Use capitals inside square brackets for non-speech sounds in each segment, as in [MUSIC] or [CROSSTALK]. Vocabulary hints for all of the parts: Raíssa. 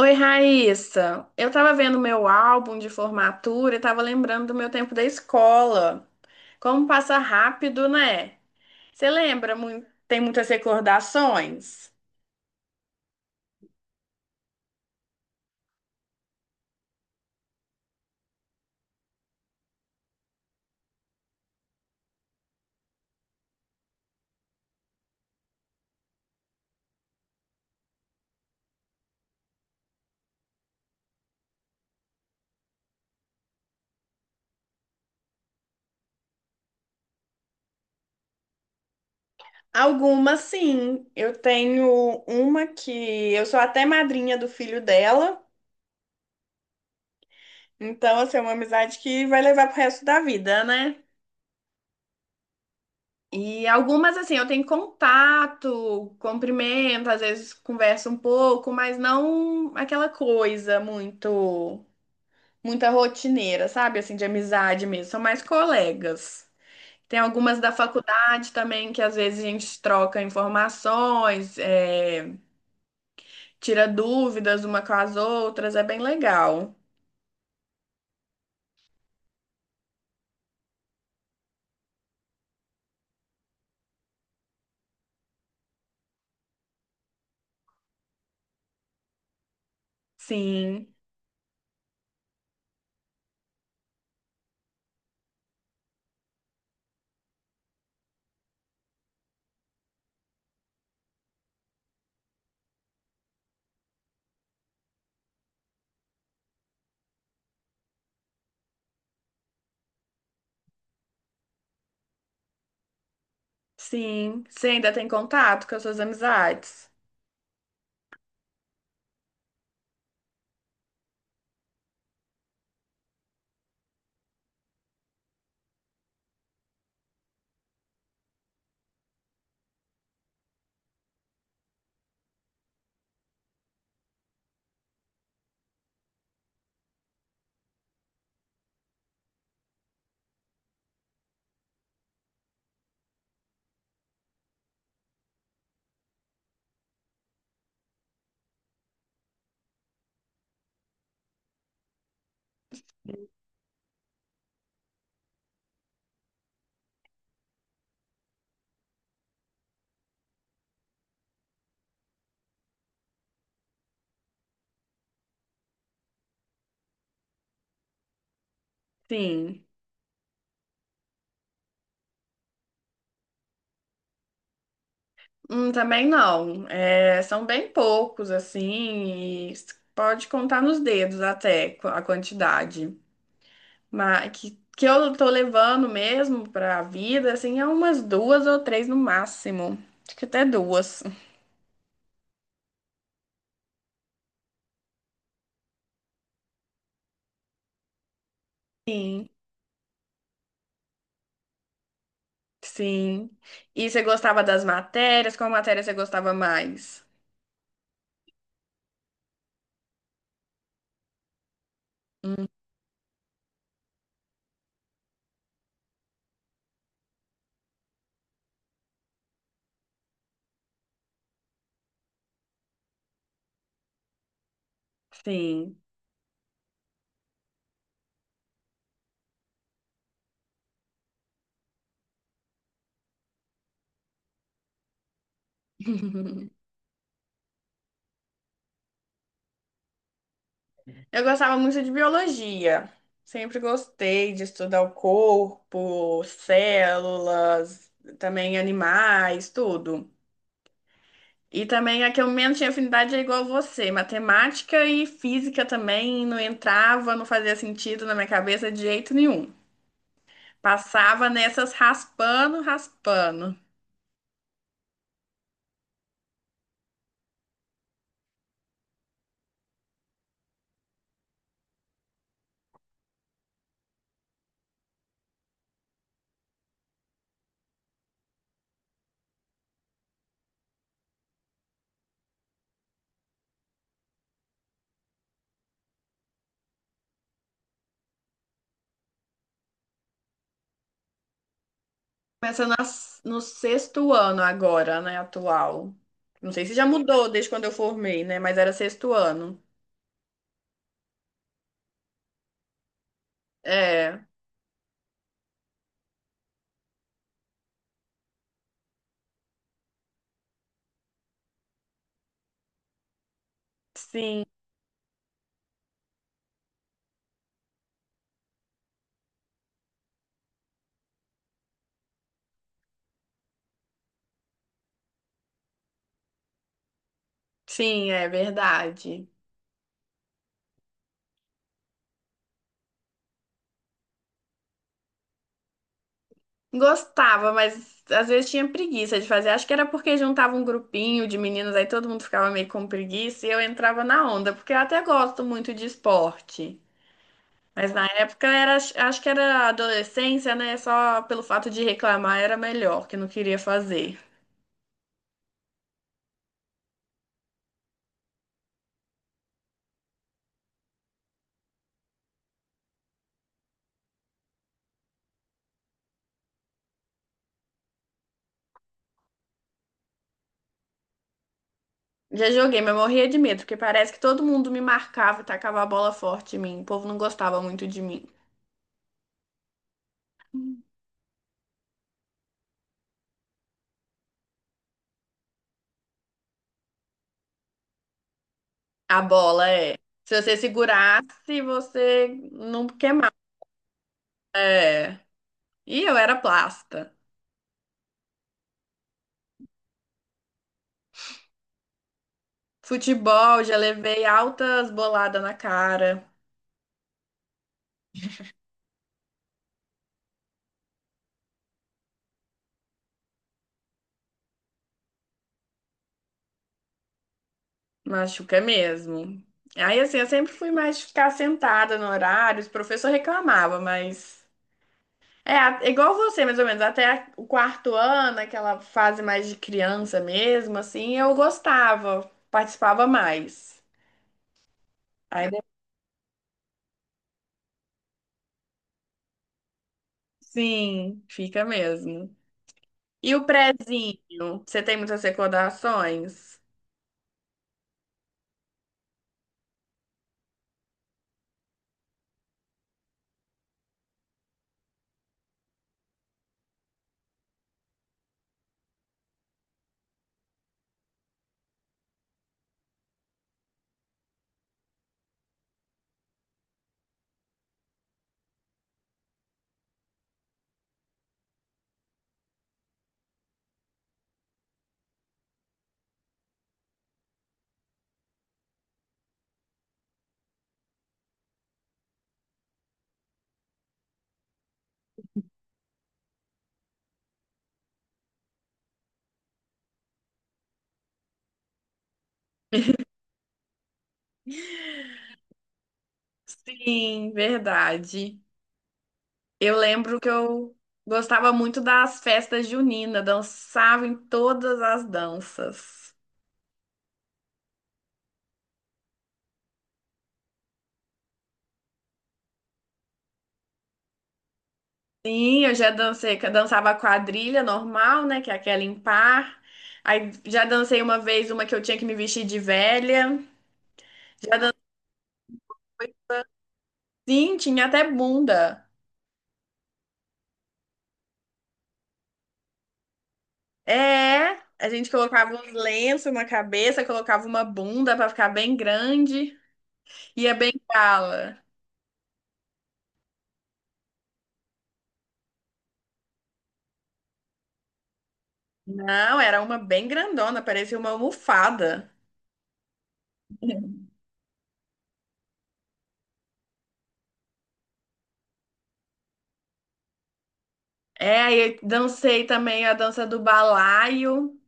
Oi, Raíssa. Eu tava vendo meu álbum de formatura e tava lembrando do meu tempo da escola. Como passa rápido, né? Você lembra? Tem muitas recordações? Algumas, sim. Eu tenho uma que eu sou até madrinha do filho dela. Então, assim, é uma amizade que vai levar pro resto da vida, né? E algumas, assim, eu tenho contato, cumprimento, às vezes converso um pouco, mas não aquela coisa muito. Muita rotineira, sabe? Assim, de amizade mesmo. São mais colegas. Tem algumas da faculdade também que às vezes a gente troca informações, é, tira dúvidas uma com as outras, é bem legal. Sim, sim. Você ainda tem contato com as suas amizades? Sim. Também não. É, são bem poucos, assim, e pode contar nos dedos até a quantidade. Mas que eu tô levando mesmo pra vida, assim, é umas duas ou três no máximo. Acho que até duas. Sim. Sim. E você gostava das matérias? Qual matéria você gostava mais? Hum, Sim. [LAUGHS] Eu gostava muito de biologia. Sempre gostei de estudar o corpo, células, também animais, tudo. E também a que eu menos tinha afinidade é igual você. Matemática e física também não entrava, não fazia sentido na minha cabeça de jeito nenhum. Passava nessas raspando, raspando. Começa no sexto ano agora, né, atual. Não sei se já mudou desde quando eu formei, né? Mas era sexto ano. É, sim, sim, é verdade. Gostava, mas às vezes tinha preguiça de fazer. Acho que era porque juntava um grupinho de meninas, aí todo mundo ficava meio com preguiça e eu entrava na onda, porque eu até gosto muito de esporte. Mas na época era, acho que era adolescência, né? Só pelo fato de reclamar era melhor, que não queria fazer. Já joguei, mas morria de medo, porque parece que todo mundo me marcava e tacava a bola forte em mim. O povo não gostava muito de mim. A bola é. Se você segurasse, você não queimava. É. E eu era plasta. Futebol, já levei altas boladas na cara. Machuca mesmo. Aí, assim, eu sempre fui mais de ficar sentada no horário. Os professores reclamavam, mas. É, igual você, mais ou menos. Até o quarto ano, aquela fase mais de criança mesmo, assim, eu gostava, participava mais. Aí, depois, sim, fica mesmo. E o prezinho? Você tem muitas recordações? Sim, verdade. Eu lembro que eu gostava muito das festas juninas, dançava em todas as danças. Sim, eu já dancei, que eu dançava quadrilha normal, né, que é aquela em par. Aí já dancei uma vez uma que eu tinha que me vestir de velha. Já dancei, sim, tinha até bunda. É, a gente colocava uns lenços na cabeça, colocava uma bunda pra ficar bem grande, ia bem cala. Não, era uma bem grandona, parecia uma almofada. É, aí eu dancei também a dança do balaio.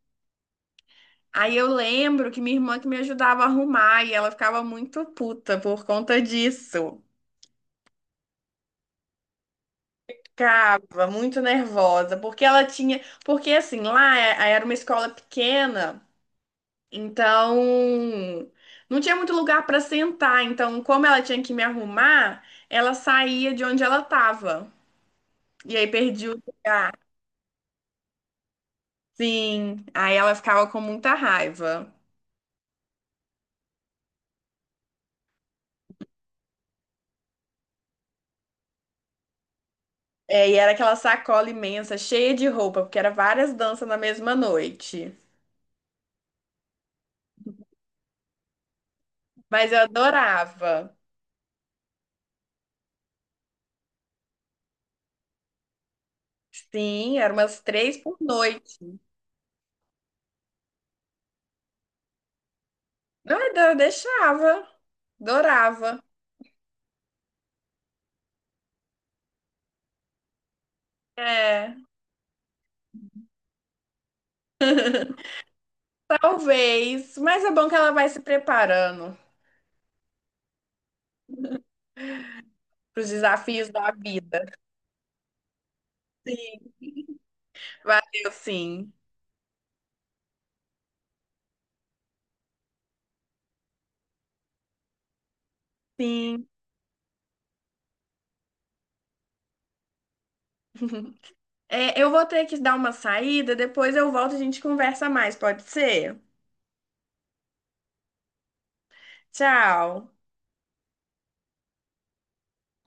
Aí eu lembro que minha irmã que me ajudava a arrumar e ela ficava muito puta por conta disso. Ficava muito nervosa, porque ela tinha, porque assim, lá era uma escola pequena, então não tinha muito lugar para sentar, então como ela tinha que me arrumar, ela saía de onde ela tava. E aí perdi o, sim, aí ela ficava com muita raiva. É, e era aquela sacola imensa, cheia de roupa, porque era várias danças na mesma noite. Mas eu adorava. Sim, eram umas três por noite. Não, eu deixava. Adorava. É, [LAUGHS] talvez. Mas é bom que ela vai se preparando para os desafios da vida. Sim, valeu, sim. Sim. [LAUGHS] É, eu vou ter que dar uma saída, depois eu volto e a gente conversa mais, pode ser? Tchau.